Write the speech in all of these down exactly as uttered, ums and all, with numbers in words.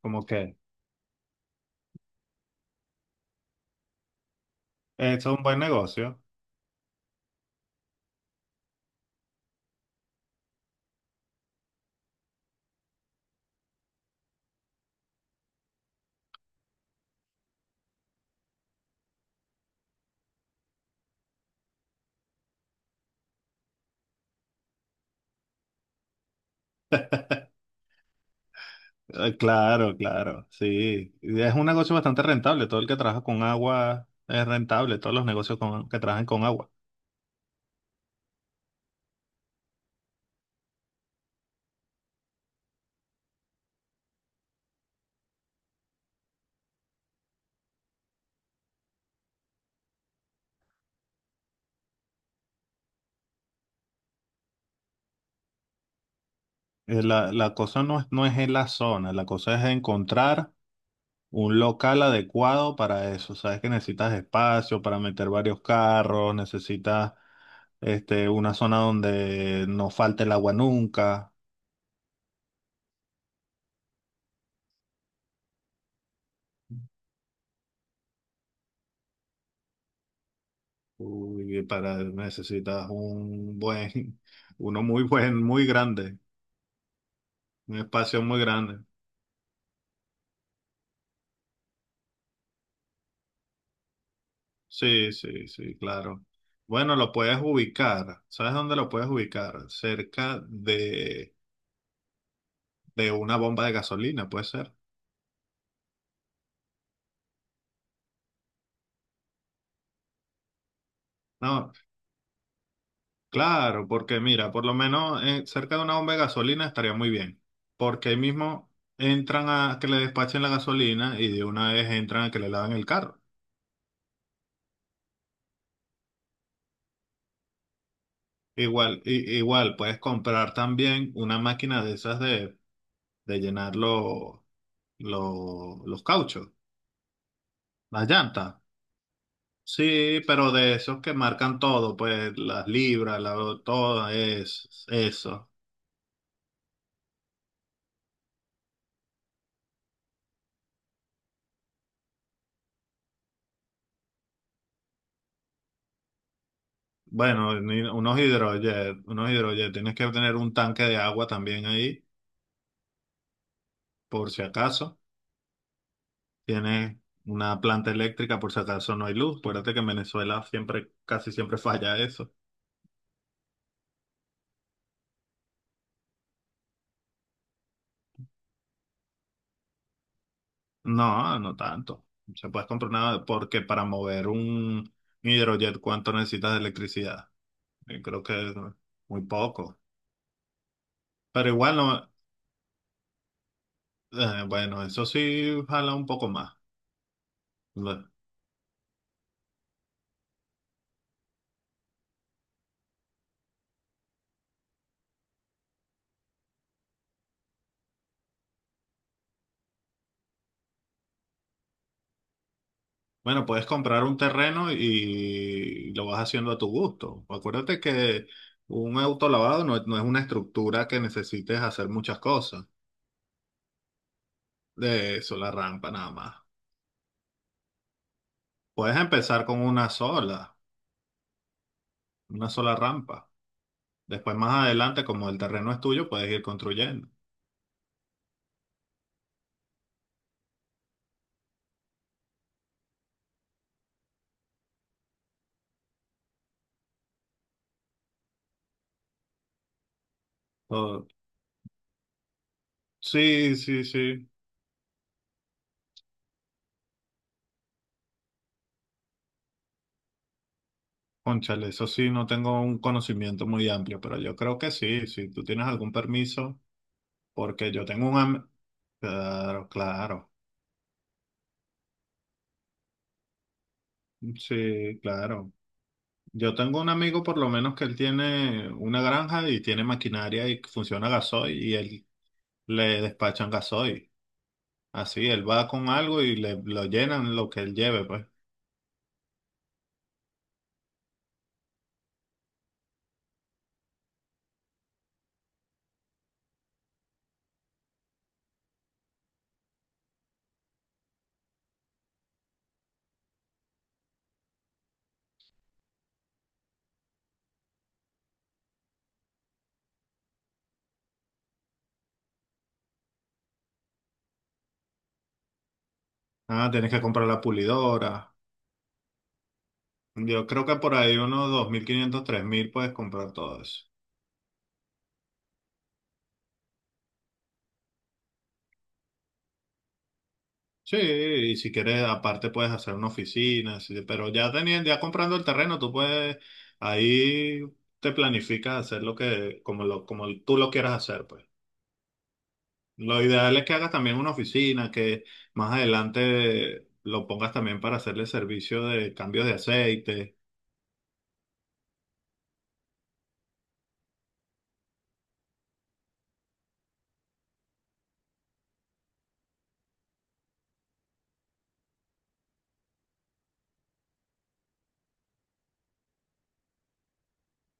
Como que eso es un buen negocio. Eh, claro, claro, sí. Y Es un negocio bastante rentable. Todo el que trabaja con agua es rentable. Todos los negocios con- que trabajan con agua. Eh, La, la cosa no es, no es en la zona. La cosa es encontrar un local adecuado para eso. Sabes que necesitas espacio para meter varios carros. Necesitas este, una zona donde no falte el agua nunca. Uy, para, necesitas un buen, uno muy buen, muy grande. Un espacio muy grande. Sí, sí, sí, claro. Bueno, lo puedes ubicar. ¿Sabes dónde lo puedes ubicar? Cerca de, de una bomba de gasolina, puede ser. No, claro, porque mira, por lo menos eh, cerca de una bomba de gasolina estaría muy bien. Porque ahí mismo entran a que le despachen la gasolina y de una vez entran a que le lavan el carro. Igual, i- igual, puedes comprar también una máquina de esas de, de llenar los los los cauchos, las llantas. Sí, pero de esos que marcan todo, pues las libras, la, todo es eso. Bueno, ni- unos hidrojet, unos hidrojet, tienes que tener un tanque de agua también ahí, por si acaso. Tienes una planta eléctrica por si acaso no hay luz. Acuérdate que en Venezuela siempre, casi siempre falla eso. No, no tanto. Se puedes comprar nada porque para mover un hidrojet, ¿cuánto necesitas de electricidad? Yo creo que es muy poco. Pero igual no. Eh, bueno, eso sí jala un poco más. Bu- Bueno, puedes comprar un terreno y lo vas haciendo a tu gusto. Acuérdate que un autolavado no, no es una estructura que necesites hacer muchas cosas. De eso, la rampa nada más. Puedes empezar con una sola, una sola rampa. Después, más adelante, como el terreno es tuyo, puedes ir construyendo. Oh, sí, sí, sí. Cónchale, eso sí, no tengo un conocimiento muy amplio, pero yo creo que sí. Si tú tienes algún permiso. Porque yo tengo un amigo, claro, claro, sí, claro. Yo tengo un amigo por lo menos que él tiene una granja y tiene maquinaria y funciona gasoil y él le despachan gasoil. Así, él va con algo y le lo llenan lo que él lleve, pues. Ah, tienes que comprar la pulidora. Yo creo que por ahí unos dos mil quinientos tres mil puedes comprar todo eso. Sí, y si quieres, aparte puedes hacer una oficina, sí, pero ya teniendo, ya comprando el terreno, tú puedes, ahí te planificas hacer lo que, como lo, como tú lo quieras hacer, pues. Lo ideal es que hagas también una oficina, que más adelante lo pongas también para hacerle servicio de cambios de aceite.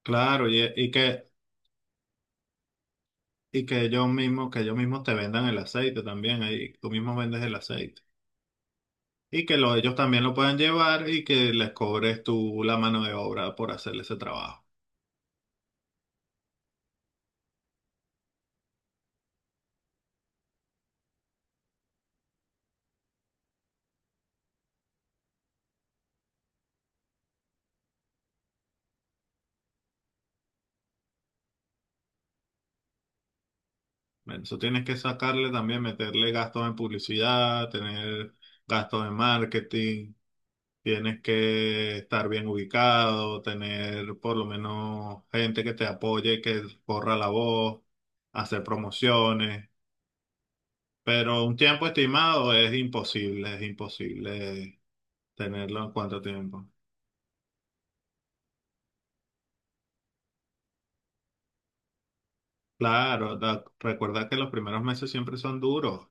Claro, y, y que, y que ellos mismos, que ellos mismos te vendan el aceite también, ahí tú mismo vendes el aceite. Y que lo- ellos también lo puedan llevar y que les cobres tú la mano de obra por hacerle ese trabajo. Men, eso tienes que sacarle también, meterle gastos en publicidad, tener gastos en marketing, tienes que estar bien ubicado, tener por lo menos gente que te apoye, que corra la voz, hacer promociones. Pero un tiempo estimado es imposible, es imposible tenerlo en cuánto tiempo. Claro, da- recuerda que los primeros meses siempre son duros,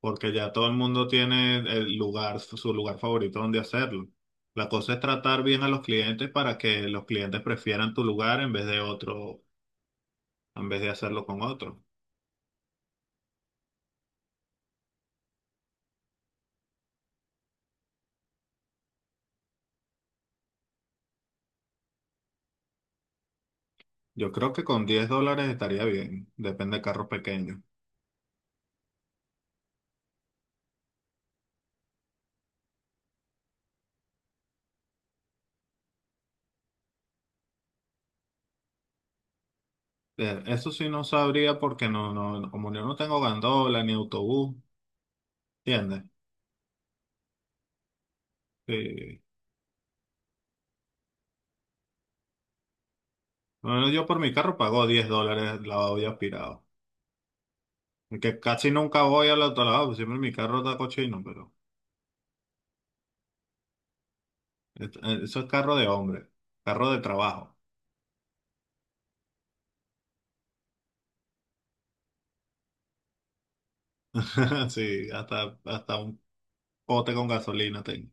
porque ya todo el mundo tiene el lugar, su lugar favorito donde hacerlo. La cosa es tratar bien a los clientes para que los clientes prefieran tu lugar en vez de otro, en vez de hacerlo con otro. Yo creo que con diez dólares estaría bien, depende de carros pequeños. Eh, Eso sí no sabría porque no, no, no- como yo no tengo gandola ni autobús, ¿entiendes? Sí. Bueno, yo por mi carro pago diez dólares lavado y aspirado. Que casi nunca voy al autolavado, siempre mi carro está cochino, pero. Et- eh, Eso es carro de hombre, carro de trabajo. Sí, hasta, hasta un pote con gasolina tengo.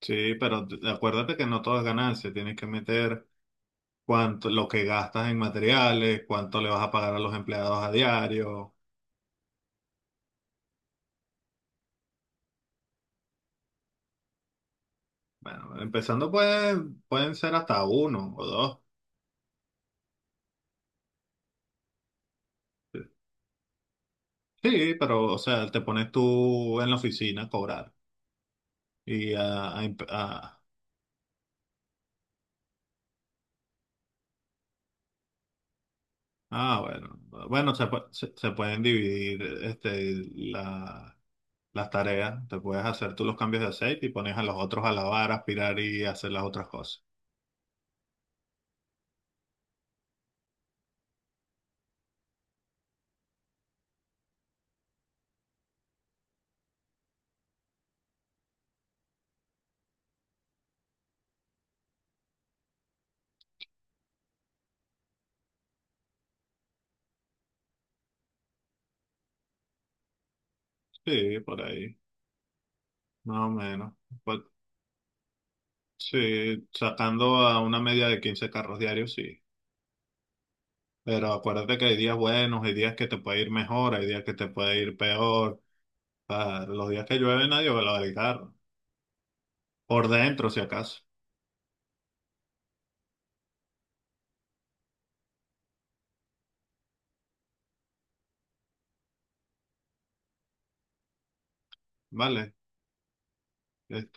Sí, pero t- acuérdate que no todo es ganancia, tienes que meter cuánto, lo que gastas en materiales, cuánto le vas a pagar a los empleados a diario. Bueno, empezando pues pueden ser hasta uno o dos. Sí, pero o sea, te pones tú en la oficina a cobrar y a, a imp- a- ah, bueno, bueno, se, pu- se, se pueden dividir este la las tareas, te puedes hacer tú los cambios de aceite y pones a los otros a lavar, aspirar y hacer las otras cosas. Sí, por ahí, más o menos. Pues, sí, sacando a una media de quince carros diarios, sí. Pero acuérdate que hay días buenos, hay días que te puede ir mejor, hay días que te puede ir peor. Ah, los días que llueve nadie va a lavar el carro. Por dentro, si acaso, ¿vale?